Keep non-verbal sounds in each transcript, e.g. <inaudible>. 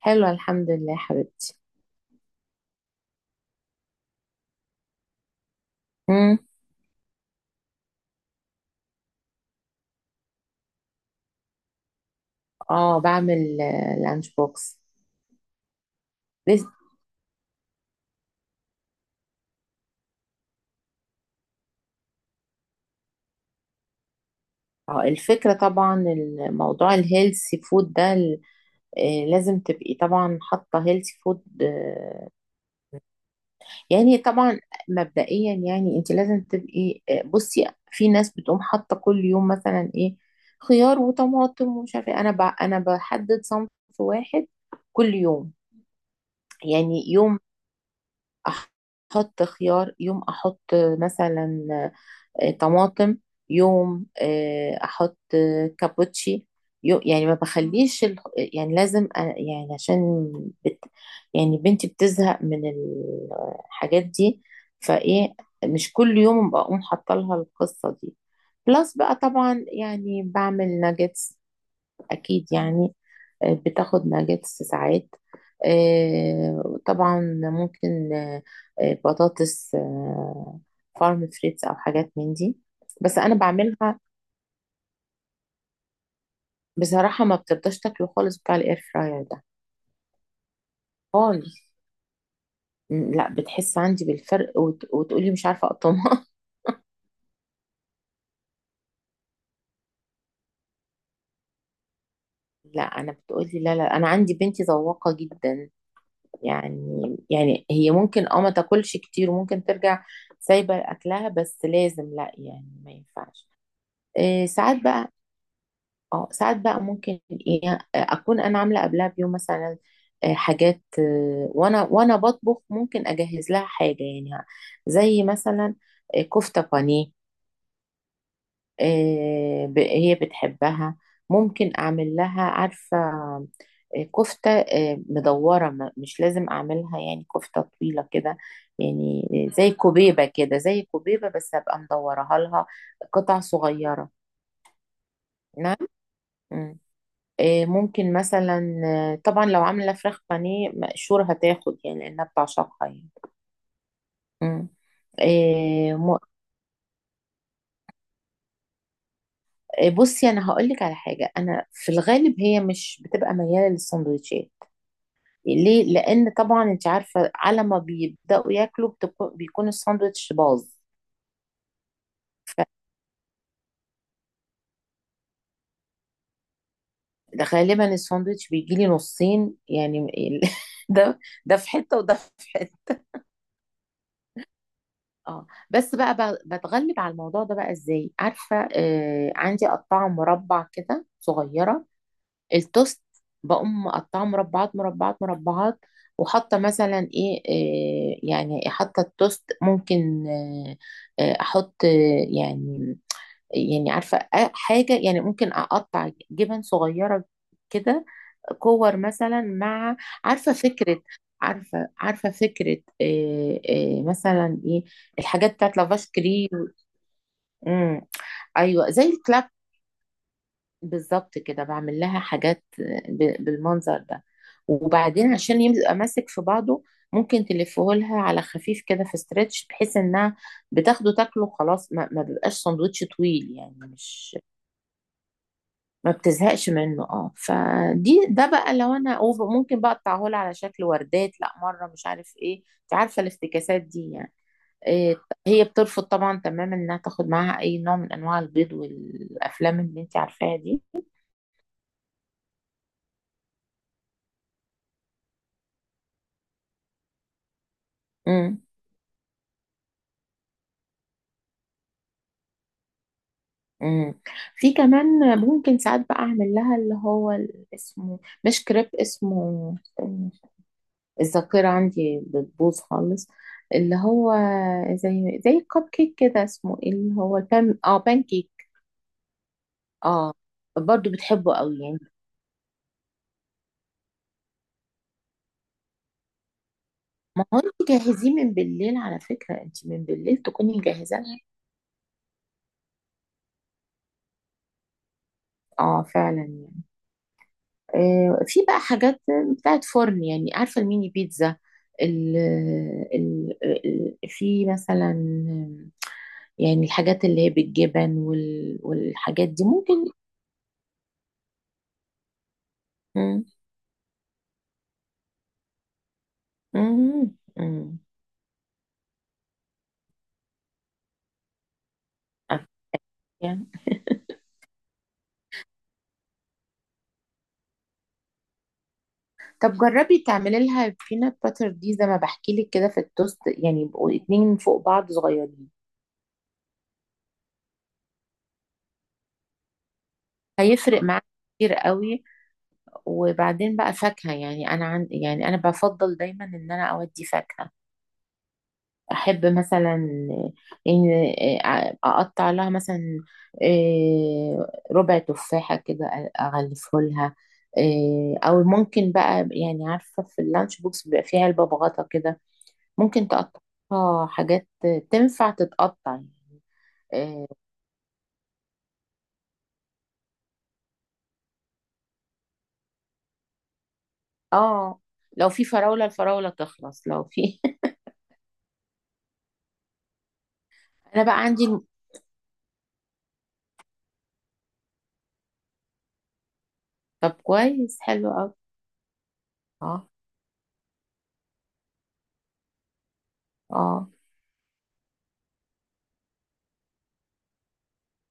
حلوة الحمد لله يا حبيبتي. مم. اه، بعمل لانش بوكس. لسه. اه، الفكرة طبعا الموضوع الهيلثي فود ده لازم تبقي طبعا حاطة هيلثي فود. يعني طبعا، مبدئيا يعني انت لازم تبقي. بصي، في ناس بتقوم حاطة كل يوم مثلا ايه، خيار وطماطم ومش عارفة ايه. انا بحدد صنف واحد كل يوم. يعني يوم احط خيار، يوم احط مثلا طماطم، يوم احط كابوتشي. يعني ما بخليش يعني لازم يعني عشان بت... يعني بنتي بتزهق من الحاجات دي. فايه، مش كل يوم بقوم حاطه لها القصه دي. بلس بقى، طبعا يعني بعمل ناجتس اكيد يعني. بتاخد ناجتس ساعات. طبعا، ممكن بطاطس، فارم فريتس او حاجات من دي بس انا بعملها. بصراحه ما بترضاش تاكله خالص بتاع الاير فراير ده، خالص. لا، بتحس عندي بالفرق وتقولي مش عارفه اقطمها. <laughs> لا، انا بتقولي لا، لا، انا عندي بنتي ذواقه جدا. يعني هي ممكن اه ما تاكلش كتير وممكن ترجع سايبه اكلها، بس لازم، لا يعني ما ينفعش. إيه، ساعات بقى. اه، ساعات بقى ممكن ايه، اكون انا عامله قبلها بيوم مثلا حاجات، وانا بطبخ ممكن اجهز لها حاجه يعني، زي مثلا كفته بانيه. هي بتحبها. ممكن اعمل لها، عارفه، كفته مدوره، مش لازم اعملها يعني كفته طويله كده. يعني زي كوبيبه كده، زي كوبيبه، بس هبقى مدورها لها قطع صغيره. نعم. ممكن مثلا طبعا لو عاملة فراخ بانيه مقشور هتاخد يعني، لأنها بتعشقها يعني. مم. آه، م- بصي، أنا هقولك على حاجة. أنا في الغالب هي مش بتبقى ميالة للسندوتشات. ليه؟ لأن طبعا أنت عارفة على ما بيبدأوا ياكلوا بيكون الساندوتش باظ. فغالبا الساندوتش بيجيلي نصين يعني. <laughs> ده ده في حتة وده في حتة. اه، بس بقى بتغلب على الموضوع ده بقى ازاي؟ عارفه، آه، عندي قطعه مربع كده صغيره، التوست، بقوم مقطعه مربعات مربعات مربعات، وحاطه مثلا ايه، آه يعني، حاطه التوست ممكن آه، احط آه، يعني عارفة، حاجة يعني ممكن أقطع جبن صغيرة كده، كور مثلا، مع، عارفة فكرة، عارفة فكرة إيه، إيه مثلا إيه، الحاجات بتاعت لافاش كريم. مم. أيوة، زي الكلاب، بالظبط كده بعمل لها حاجات بالمنظر ده. وبعدين عشان يبقى ماسك في بعضه، ممكن تلفه لها على خفيف كده في استرتش، بحيث انها بتاخده تاكله خلاص، ما بيبقاش سندوتش طويل يعني، مش ما بتزهقش منه. اه، فدي ده بقى لو انا أوفر، ممكن بقى اقطعهولها على شكل وردات لا مره مش عارف ايه. انت عارفه الافتكاسات دي يعني. إيه. هي بترفض طبعا تماما انها تاخد معاها اي نوع من انواع البيض والافلام اللي انت عارفاها دي. امم. امم. في كمان ممكن ساعات بقى اعمل لها اللي هو اسمه مش كريب، اسمه، استني، الذاكره عندي بتبوظ خالص، اللي هو زي الكب كيك كده، اسمه ايه اللي هو البان. اه، بان كيك. اه، برضو بتحبه قوي يعني. ما هو انت جهزيه من بالليل على فكرة، انت من بالليل تكوني مجهزة لها. اه فعلا يعني. في بقى حاجات بتاعت فرن، يعني عارفة الميني بيتزا، ال في مثلا، يعني الحاجات اللي هي بالجبن والحاجات دي ممكن. مم. مم. مم. يعني طب جربي تعملي لها بينات باتر دي زي ما بحكي لك كده في التوست، يعني يبقوا اتنين فوق بعض صغيرين، هيفرق معاك كتير قوي. وبعدين بقى فاكهة يعني، أنا يعني أنا بفضل دايما إن أنا أودي فاكهة. أحب مثلا إن أقطع لها مثلا إيه، ربع تفاحة كده أغلفه لها إيه، أو ممكن بقى يعني، عارفة في اللانش بوكس بيبقى فيها علبة بغطا كده، ممكن تقطعها حاجات تنفع تتقطع يعني إيه. اه، لو في فراولة الفراولة تخلص، لو في <laughs> انا بقى عندي، طب كويس حلو قوي. اه. اه.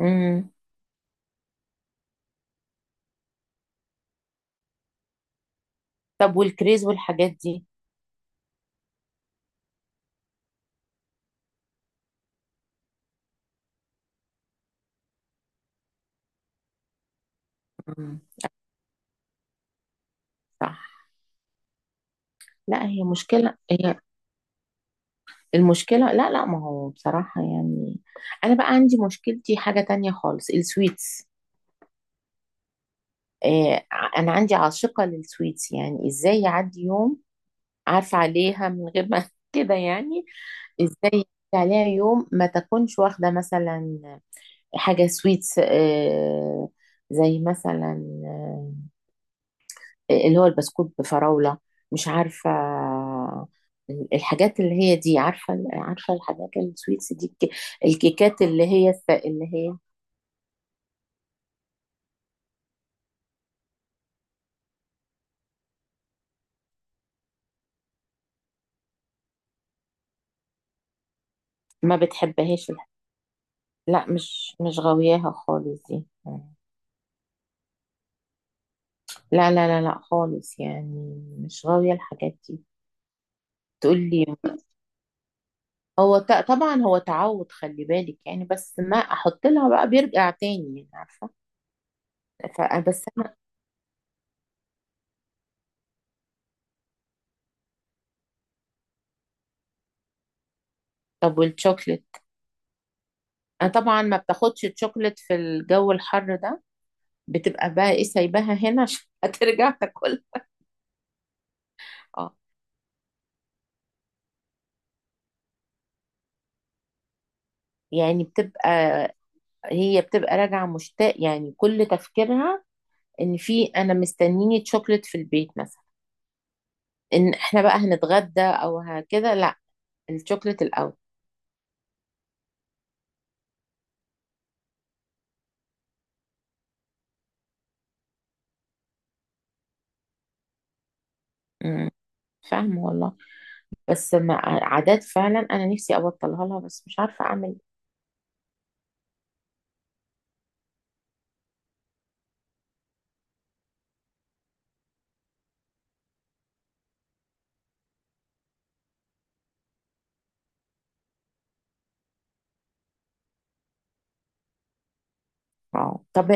امم. طب والكريز والحاجات دي. امم. صح. لا هي مشكلة، هي المشكلة، لا لا، ما هو بصراحة يعني، أنا بقى عندي مشكلتي حاجة تانية خالص، السويتس. أنا عندي عاشقة للسويتس. يعني إزاي يعدي يوم عارفة عليها من غير ما <laughs> كده يعني. إزاي يعدي عليها يوم ما تكونش واخدة مثلا حاجة سويتس، زي مثلا اللي هو البسكوت بفراولة، مش عارفة الحاجات اللي هي دي، عارفة الحاجات السويتس دي، الكيكات اللي هي اللي هي ما بتحبهاش. لا، مش غاوياها خالص دي. لا لا لا لا خالص، يعني مش غاوية الحاجات دي. تقول لي، هو طبعا هو تعود، خلي بالك يعني، بس ما احط لها بقى بيرجع تاني يعني عارفه. ف- بس انا، طب والشوكليت، انا طبعا ما بتاخدش الشوكليت في الجو الحر ده، بتبقى بقى ايه سايباها هنا عشان <laughs> هترجع تاكل. اه، يعني بتبقى، هي بتبقى راجعه مشتاق يعني، كل تفكيرها ان في انا مستنيني تشوكلت في البيت مثلا، ان احنا بقى هنتغدى او هكذا، لا الشوكلت الاول. امم. فاهمه والله، بس ما عادات فعلا، انا نفسي ابطلها لها بس مش عارفه اعمل إيه. اه طب،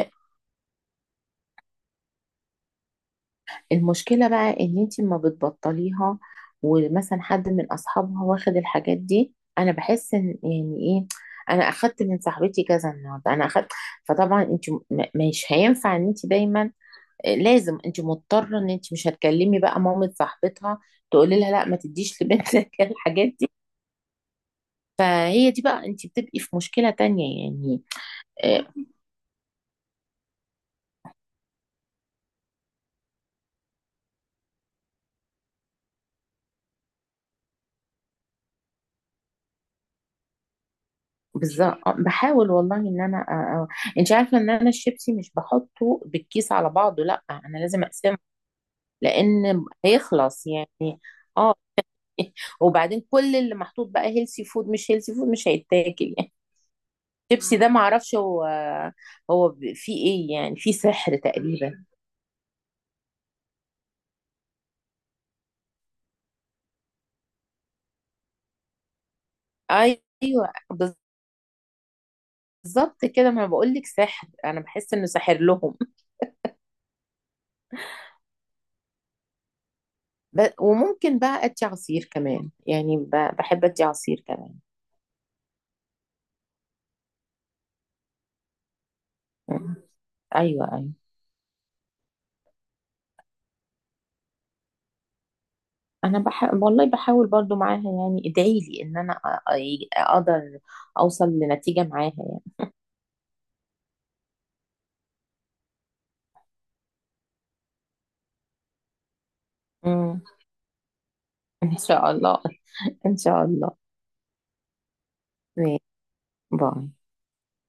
المشكلة بقى ان انتي ما بتبطليها، ومثلا حد من اصحابها واخد الحاجات دي، انا بحس ان يعني ايه، انا اخدت من صاحبتي كذا، النهارده انا اخدت، فطبعا انت مش هينفع ان انت دايما، لازم انت مضطرة، ان انت مش هتكلمي بقى مامة صاحبتها تقولي لها لا ما تديش لبنتك <laughs> الحاجات دي. فهي دي بقى، انت بتبقي في مشكلة تانية يعني. آه، بالظبط. بحاول والله ان انا. انت عارفه ان انا الشيبسي مش بحطه بالكيس على بعضه، لا انا لازم اقسمه لان هيخلص يعني. اه. <laughs> وبعدين كل اللي محطوط بقى هيلسي فود مش هيلسي فود مش هيتاكل يعني. الشيبسي ده ما اعرفش، هو، فيه ايه يعني، فيه سحر تقريبا. ايوه، بالظبط كده، ما بقول لك سحر، انا بحس انه ساحر لهم. وممكن بقى ادي عصير كمان يعني، بحب ادي عصير كمان. ايوه، ايوه. انا والله بحاول برضو معاها يعني، ادعي لي ان انا اقدر اوصل لنتيجة معاها يعني. مم. ان شاء الله. <laughs> ان شاء الله. ماشي. باي.